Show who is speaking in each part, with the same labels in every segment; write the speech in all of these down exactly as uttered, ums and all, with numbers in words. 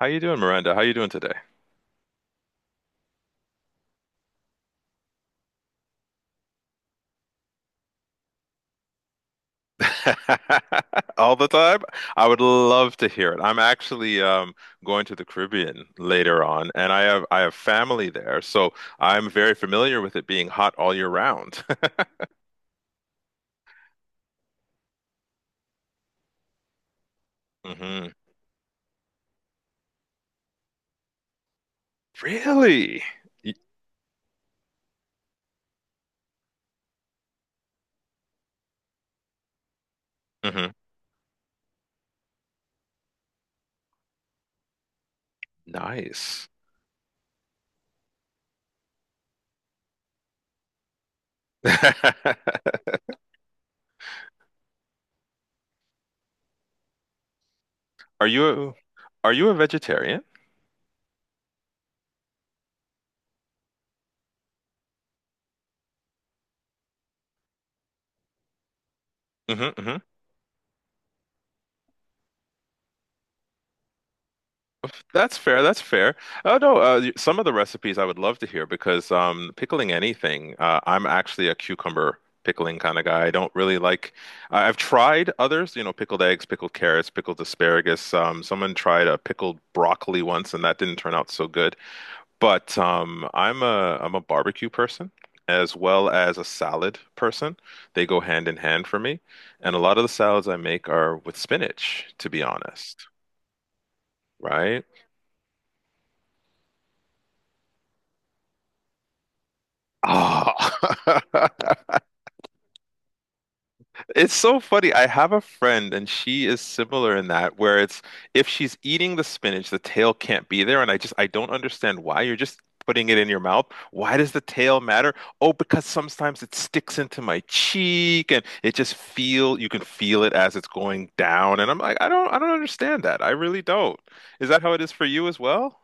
Speaker 1: How you doing, Miranda? How you doing today? All the time? I would love to hear it. I'm actually um, going to the Caribbean later on, and I have I have family there, so I'm very familiar with it being hot all year round. hmm. Really? hmm. Nice. Are you a, are you a vegetarian? hmm. That's fair. That's fair. Oh no, uh, y- some of the recipes I would love to hear because um, pickling anything, uh, I'm actually a cucumber pickling kind of guy. I don't really like. I- I've tried others, you know, pickled eggs, pickled carrots, pickled asparagus. Um, someone tried a pickled broccoli once, and that didn't turn out so good. But um, I'm a I'm a barbecue person as well as a salad person. They go hand in hand for me, and a lot of the salads I make are with spinach, to be honest. Right? Ah, it's so funny. I have a friend, and she is similar in that, where it's if she's eating the spinach, the tail can't be there, and I just I don't understand why. You're just putting it in your mouth. Why does the tail matter? Oh, because sometimes it sticks into my cheek, and it just feel you can feel it as it's going down, and I'm like, I don't I don't understand that. I really don't. Is that how it is for you as well?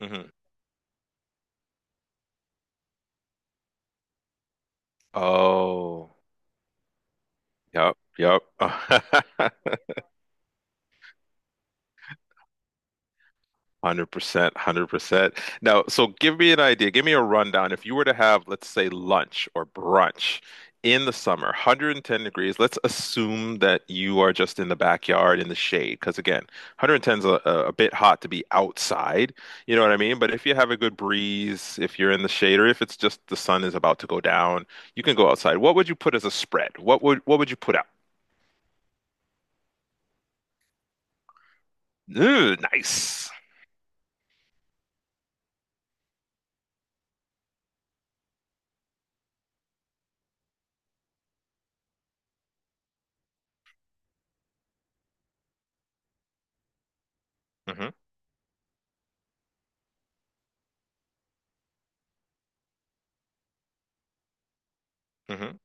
Speaker 1: hmm. Oh, yep, yep. one hundred percent, one hundred percent. Now, so give me an idea. Give me a rundown. If you were to have, let's say, lunch or brunch in the summer, a hundred and ten degrees, let's assume that you are just in the backyard in the shade. Because again, a hundred and ten is a, a a bit hot to be outside. You know what I mean? But if you have a good breeze, if you're in the shade, or if it's just the sun is about to go down, you can go outside. What would you put as a spread? What would what would you put out? Ooh, nice. hmm. hmm.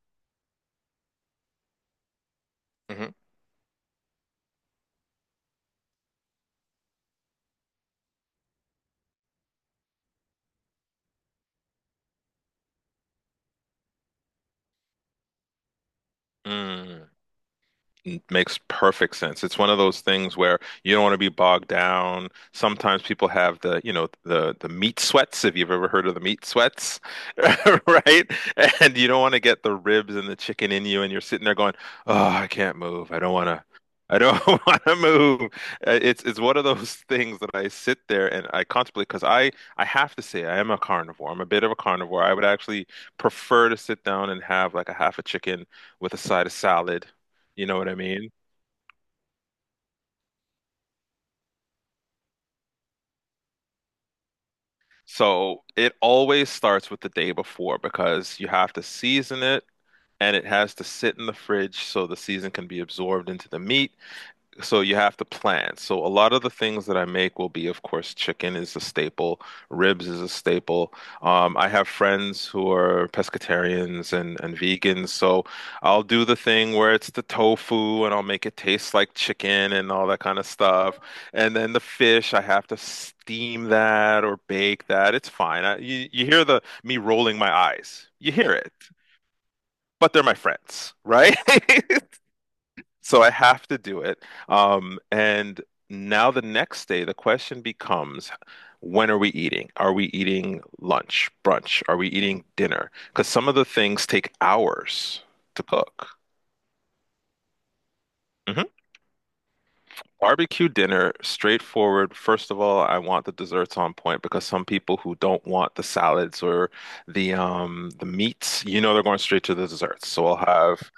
Speaker 1: hmm. N- Makes perfect sense. It's one of those things where you don't want to be bogged down. Sometimes people have the, you know, the the meat sweats, if you've ever heard of the meat sweats, right? And you don't want to get the ribs and the chicken in you, and you're sitting there going, "Oh, I can't move. I don't want to. I don't want to move." Uh, It's it's one of those things that I sit there and I contemplate because I I have to say I am a carnivore. I'm a bit of a carnivore. I would actually prefer to sit down and have like a half a chicken with a side of salad, you know what I mean? So it always starts with the day before because you have to season it and it has to sit in the fridge so the season can be absorbed into the meat. So you have to plan. So a lot of the things that I make will be, of course, chicken is a staple, ribs is a staple. Um, I have friends who are pescatarians and, and vegans, so I'll do the thing where it's the tofu and I'll make it taste like chicken and all that kind of stuff. And then the fish, I have to steam that or bake that. It's fine. I, you you hear the me rolling my eyes. You hear it, but they're my friends, right? So I have to do it. Um, and now the next day, the question becomes, when are we eating? Are we eating lunch, brunch? Are we eating dinner? Because some of the things take hours to cook. hmm. Barbecue dinner, straightforward. First of all, I want the desserts on point because some people who don't want the salads or the um the meats, you know, they're going straight to the desserts. So I'll have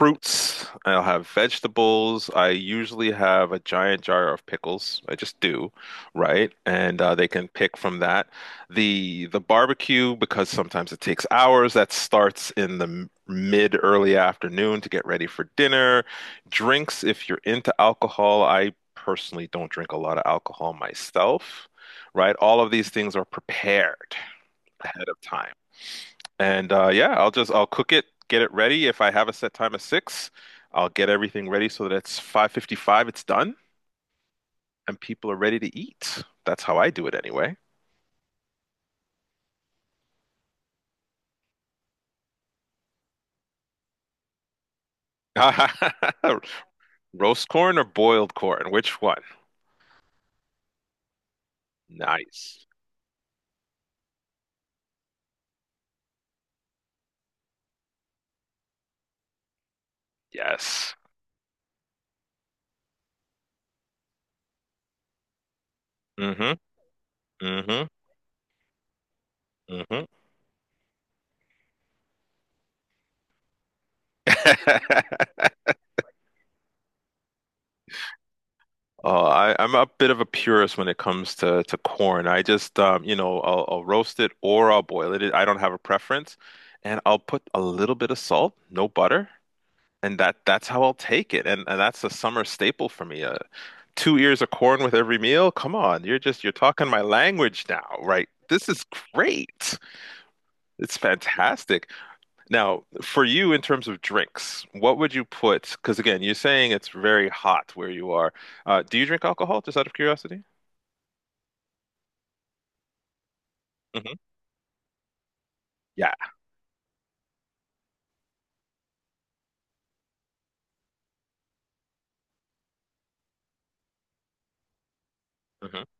Speaker 1: fruits. I'll have vegetables. I usually have a giant jar of pickles. I just do, right? And uh, they can pick from that. The the barbecue, because sometimes it takes hours, that starts in the m- mid early afternoon to get ready for dinner. Drinks, if you're into alcohol, I personally don't drink a lot of alcohol myself, right? All of these things are prepared ahead of time. And uh, yeah, I'll just I'll cook it, get it ready. If I have a set time of six, I'll get everything ready so that it's five fifty-five, it's done, and people are ready to eat. That's how I do it anyway. Roast corn or boiled corn? Which one? Nice. Yes. Mm-hmm. Mm-hmm. Mm-hmm. Oh, I, I'm a bit of a purist when it comes to, to corn. I just, um, you know, I'll, I'll roast it or I'll boil it. I don't have a preference. And I'll put a little bit of salt, no butter, and that that's how I'll take it. And and that's a summer staple for me. Uh, two ears of corn with every meal. Come on, you're just you're talking my language now, right? This is great. It's fantastic. Now, for you in terms of drinks, what would you put? Because again, you're saying it's very hot where you are. Uh, do you drink alcohol, just out of curiosity? hmm. Yeah. hmm.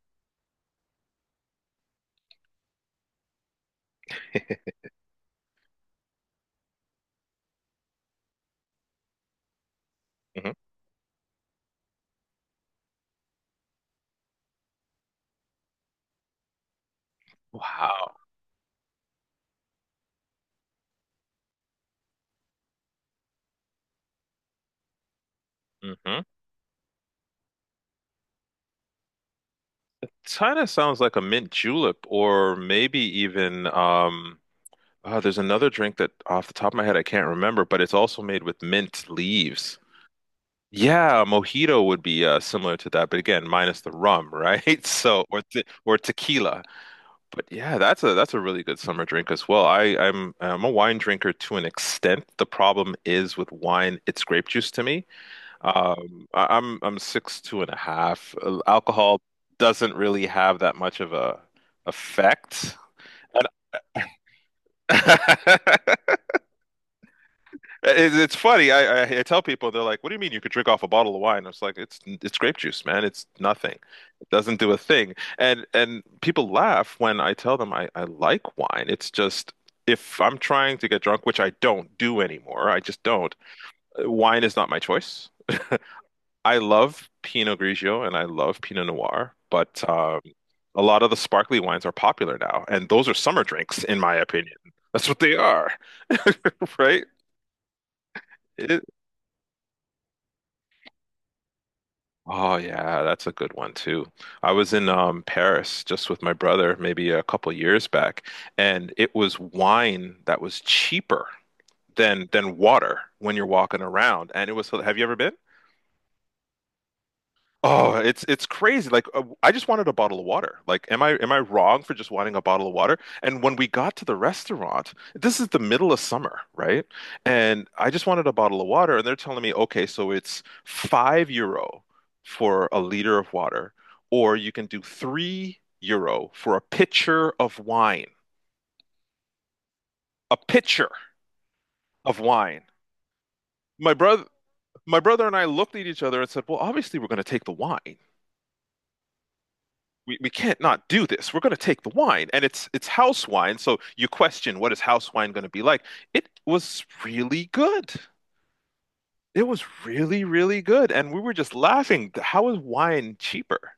Speaker 1: hmm. Wow. hmm. Kind of sounds like a mint julep, or maybe even um, oh, there's another drink that off the top of my head I can't remember, but it's also made with mint leaves. Yeah, a mojito would be uh, similar to that, but again, minus the rum, right? So or te or tequila. But yeah, that's a that's a really good summer drink as well. I I'm I'm a wine drinker to an extent. The problem is with wine, it's grape juice to me. Um, I, I'm I'm six two and a half. Uh, Alcohol doesn't really have that much of a effect. And It, it's funny. I, I I tell people they're like, "What do you mean you could drink off a bottle of wine?" I was like, "It's it's grape juice, man. It's nothing. It doesn't do a thing." And and people laugh when I tell them I I like wine. It's just if I'm trying to get drunk, which I don't do anymore, I just don't. uh, Wine is not my choice. I love Pinot Grigio and I love Pinot Noir, but um, a lot of the sparkly wines are popular now, and those are summer drinks, in my opinion. That's what they are, right? Oh yeah, that's a good one too. I was in um, Paris just with my brother maybe a couple years back, and it was wine that was cheaper than than water when you're walking around. And it was, have you ever been? Oh, it's it's crazy. Like uh, I just wanted a bottle of water. Like am I am I wrong for just wanting a bottle of water? And when we got to the restaurant, this is the middle of summer, right? And I just wanted a bottle of water and they're telling me, "Okay, so it's five euro for a liter of water or you can do three euro for a pitcher of wine." A pitcher of wine. My brother my brother and I looked at each other and said, "Well, obviously we're going to take the wine." we, we can't not do this. We're going to take the wine, and it's it's house wine. So you question what is house wine going to be like? It was really good. It was really, really good, and we were just laughing. How is wine cheaper?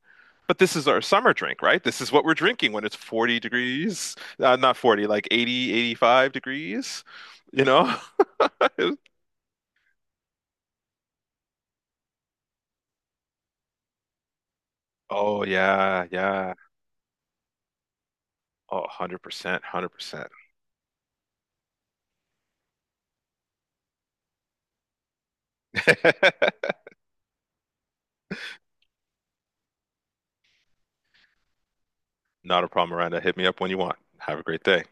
Speaker 1: But this is our summer drink, right? This is what we're drinking when it's forty degrees, uh, not forty, like eighty, eighty-five degrees, you know? Oh, yeah, yeah. Oh, one hundred percent, one hundred percent. Not a problem, Miranda. Hit me up when you want. Have a great day.